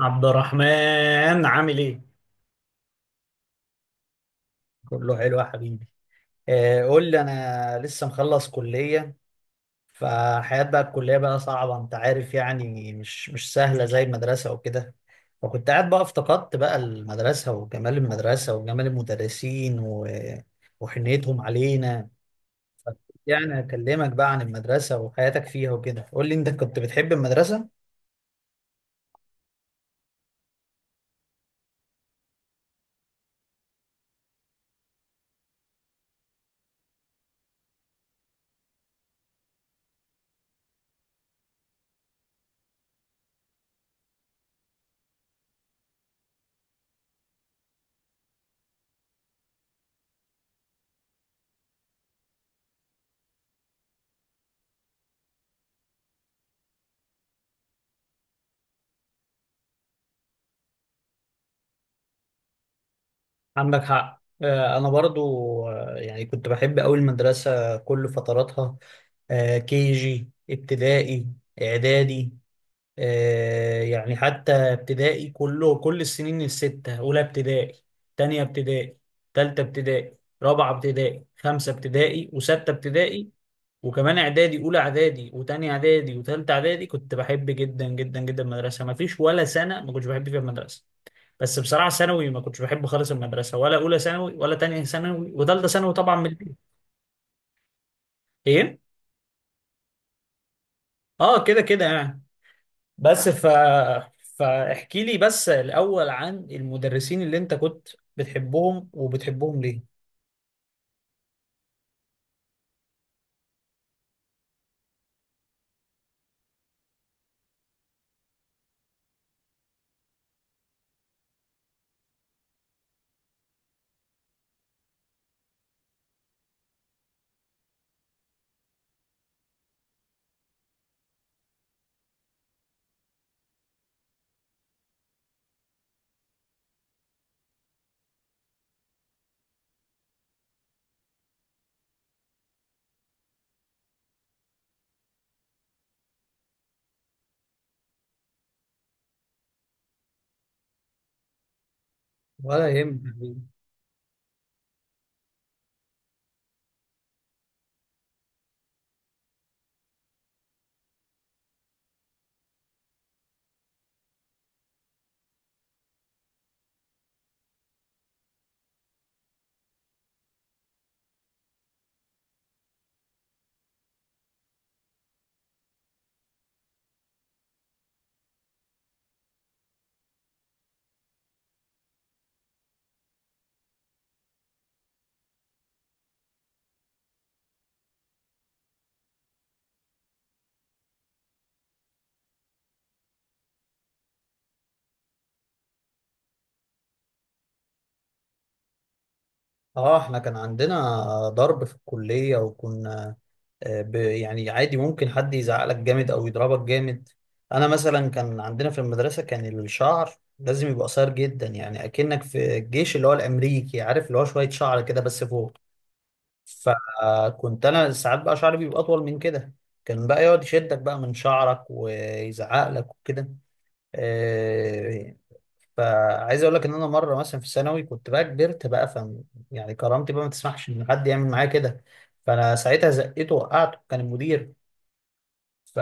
عبد الرحمن عامل ايه؟ كله حلو يا حبيبي. قول لي، انا لسه مخلص كلية، فحياة بقى الكلية بقى صعبة، انت عارف، يعني مش سهلة زي المدرسة وكده. فكنت قاعد بقى افتقدت بقى المدرسة وجمال المدرسة وجمال المدرسين وحنيتهم علينا. يعني اكلمك بقى عن المدرسة وحياتك فيها وكده، قول لي انت كنت بتحب المدرسة؟ عندك حق، آه، انا برضو. يعني كنت بحب قوي المدرسة كل فتراتها، كي جي، ابتدائي، اعدادي. يعني حتى ابتدائي كله، كل السنين الستة، اولى ابتدائي، تانية ابتدائي، تالتة ابتدائي، رابعة ابتدائي، خمسة ابتدائي، وستة ابتدائي، وكمان اعدادي، اولى اعدادي وتانية اعدادي وتالتة اعدادي، كنت بحب جدا جدا جدا المدرسة، ما فيش ولا سنة ما كنتش بحب فيها المدرسة. بس بصراحة ثانوي ما كنتش بحب خالص المدرسة، ولا أولى ثانوي ولا تانية ثانوي وتالتة ثانوي، طبعا من البيت. إيه؟ آه، كده كده يعني. بس ف فاحكي لي بس الأول عن المدرسين اللي أنت كنت بتحبهم، ليه؟ ولا يهم. اه، احنا كان عندنا ضرب في الكلية، وكنا، يعني عادي، ممكن حد يزعقلك جامد او يضربك جامد. انا مثلا كان عندنا في المدرسة، كان الشعر لازم يبقى قصير جدا، يعني اكنك في الجيش، اللي هو الامريكي، عارف، اللي هو شوية شعر كده بس فوق. فكنت انا ساعات بقى شعري بيبقى اطول من كده، كان بقى يقعد يشدك بقى من شعرك ويزعق لك وكده. آه، فعايز اقول لك ان انا مره مثلا في ثانوي كنت بقى كبرت بقى، يعني كرامتي بقى ما تسمحش ان حد يعمل معايا كده، فانا ساعتها زقيته وقعته، كان المدير. ف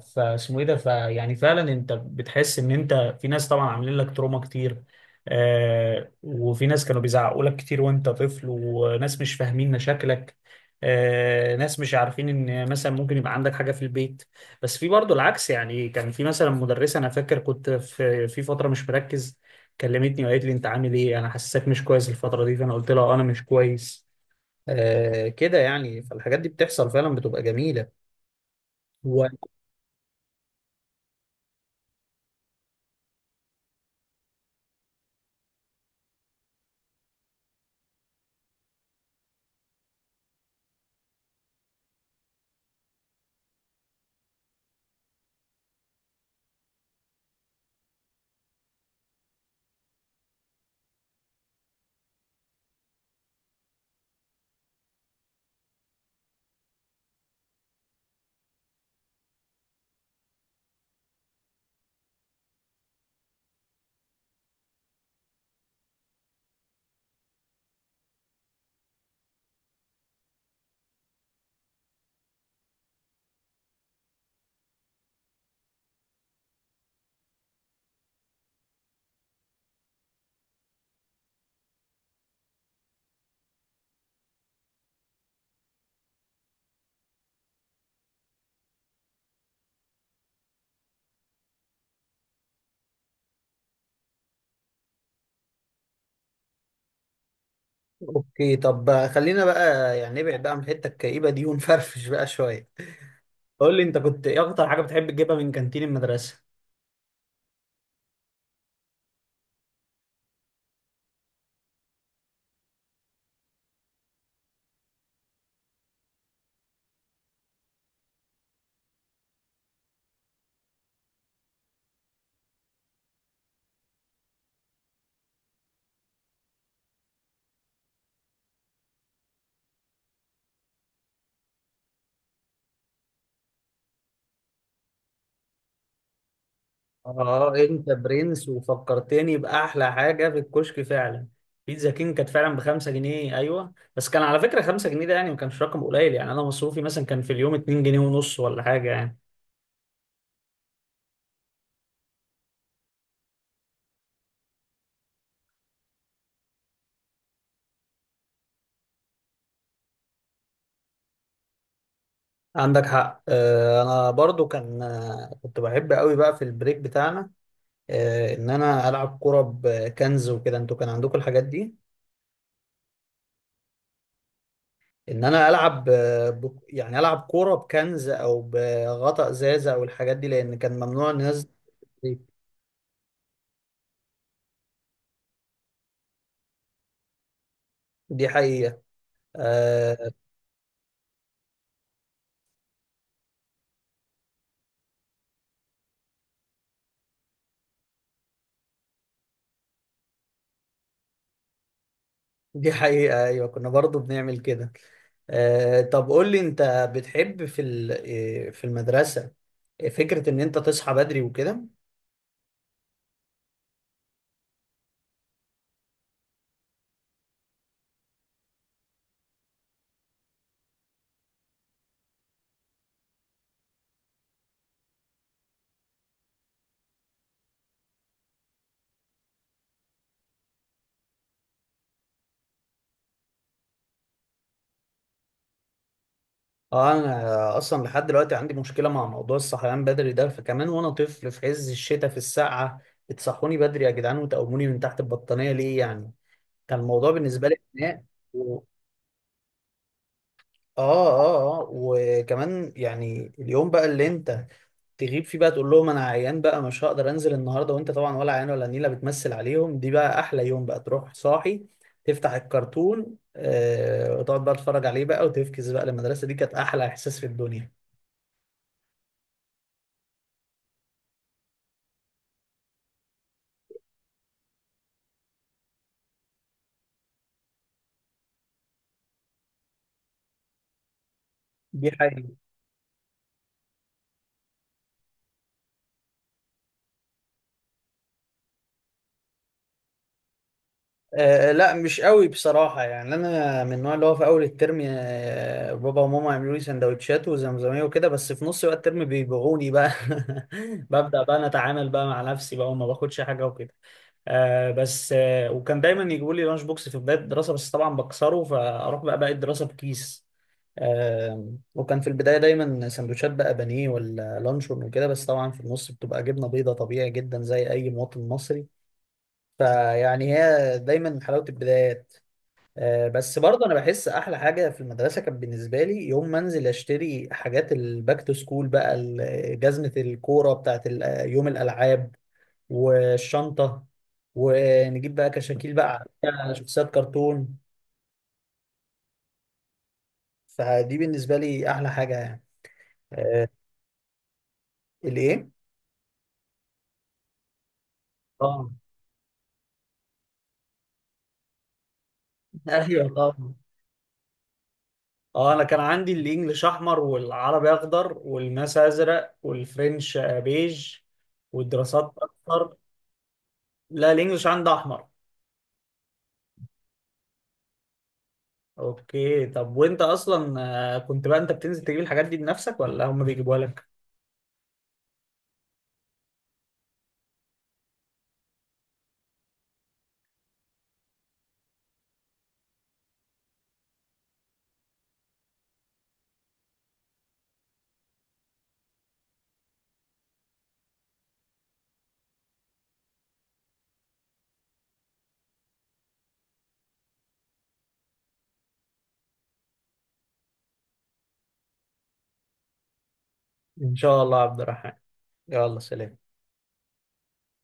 فاسمه ايه ده، فيعني فعلا انت بتحس ان انت، في ناس طبعا عاملين لك تروما كتير، آه، وفي ناس كانوا بيزعقوا لك كتير وانت طفل، وناس مش فاهمين مشاكلك، آه، ناس مش عارفين ان مثلا ممكن يبقى عندك حاجة في البيت. بس في برضه العكس، يعني كان في مثلا مدرسة، انا فاكر كنت في فترة مش مركز، كلمتني وقالت لي انت عامل ايه، انا حاسسك مش كويس الفترة دي، فانا قلت لها، انا مش كويس، آه، كده يعني. فالحاجات دي بتحصل فعلا، بتبقى جميلة. اوكي، طب خلينا بقى يعني نبعد بقى عن الحته الكئيبه دي ونفرفش بقى شويه. قول لي انت كنت ايه اكتر حاجه بتحب تجيبها من كانتين المدرسه؟ اه انت برنس، وفكرتني باحلى حاجه في الكشك فعلا. بيتزا كينج كانت فعلا ب5 جنيه، ايوه، بس كان على فكره 5 جنيه ده يعني ما كانش رقم قليل، يعني انا مصروفي مثلا كان في اليوم 2 جنيه ونص ولا حاجه يعني. عندك حق، آه، انا برضو كان، كنت بحب قوي بقى في البريك بتاعنا، ان انا العب كوره بكنز وكده، انتوا كان عندكم الحاجات دي؟ ان انا العب، يعني العب كوره بكنز او بغطاء ازازه او الحاجات دي، لان كان ممنوع الناس دي. حقيقه، آه. دي حقيقه، ايوه، كنا برضو بنعمل كده. آه، طب قول لي انت، بتحب في ال... في المدرسه، فكره ان انت تصحى بدري وكده. اه انا اصلا لحد دلوقتي عندي مشكله مع موضوع الصحيان بدري ده، فكمان وانا طفل في عز الشتاء في السقعه، بتصحوني بدري يا جدعان وتقوموني من تحت البطانيه ليه يعني؟ كان الموضوع بالنسبه لي خناق. اه اه اه، وكمان يعني اليوم بقى اللي انت تغيب فيه بقى، تقول لهم انا عيان بقى مش هقدر انزل النهارده، وانت طبعا ولا عيان ولا نيله، بتمثل عليهم، دي بقى احلى يوم، بقى تروح صاحي، تفتح الكرتون، آه، وتقعد بقى تتفرج عليه بقى وتفكس بقى للمدرسه، دي كانت احلى احساس في الدنيا. دي حاجه. آه، لا مش قوي بصراحة، يعني أنا من النوع اللي هو في أول الترم، آه، بابا وماما يعملوا لي سندوتشات وزمزمية وكده، بس في نص بقى الترم بيبيعوني بقى. ببدأ بقى أنا أتعامل بقى مع نفسي بقى وما باخدش حاجة وكده. آه بس آه وكان دايما يجيبوا لي لانش بوكس في بداية الدراسة، بس طبعا بكسره فأروح بقى باقي الدراسة بكيس. آه، وكان في البداية دايما سندوتشات بقى بانيه ولا لانشون وكده، بس طبعا في النص بتبقى جبنة بيضة، طبيعي جدا زي أي مواطن مصري. فيعني هي دايما حلاوة البدايات. بس برضه انا بحس احلى حاجه في المدرسه كانت بالنسبه لي يوم ما انزل اشتري حاجات الباك تو سكول بقى، جزمه الكوره بتاعت يوم الالعاب والشنطه، ونجيب بقى كشاكيل بقى على شخصيات كرتون، فدي بالنسبه لي احلى حاجه يعني. آه، الايه؟ اه، ايوه طبعا. اه، انا كان عندي الانجليش احمر، والعربي اخضر، والماس ازرق، والفرنش، آه، بيج، والدراسات اصفر. لا الانجليش عندي احمر. اوكي، طب وانت اصلا، كنت بقى انت بتنزل تجيب الحاجات دي بنفسك ولا هم بيجيبوها لك؟ ان شاء الله يا عبد الرحمن، يلا سلام.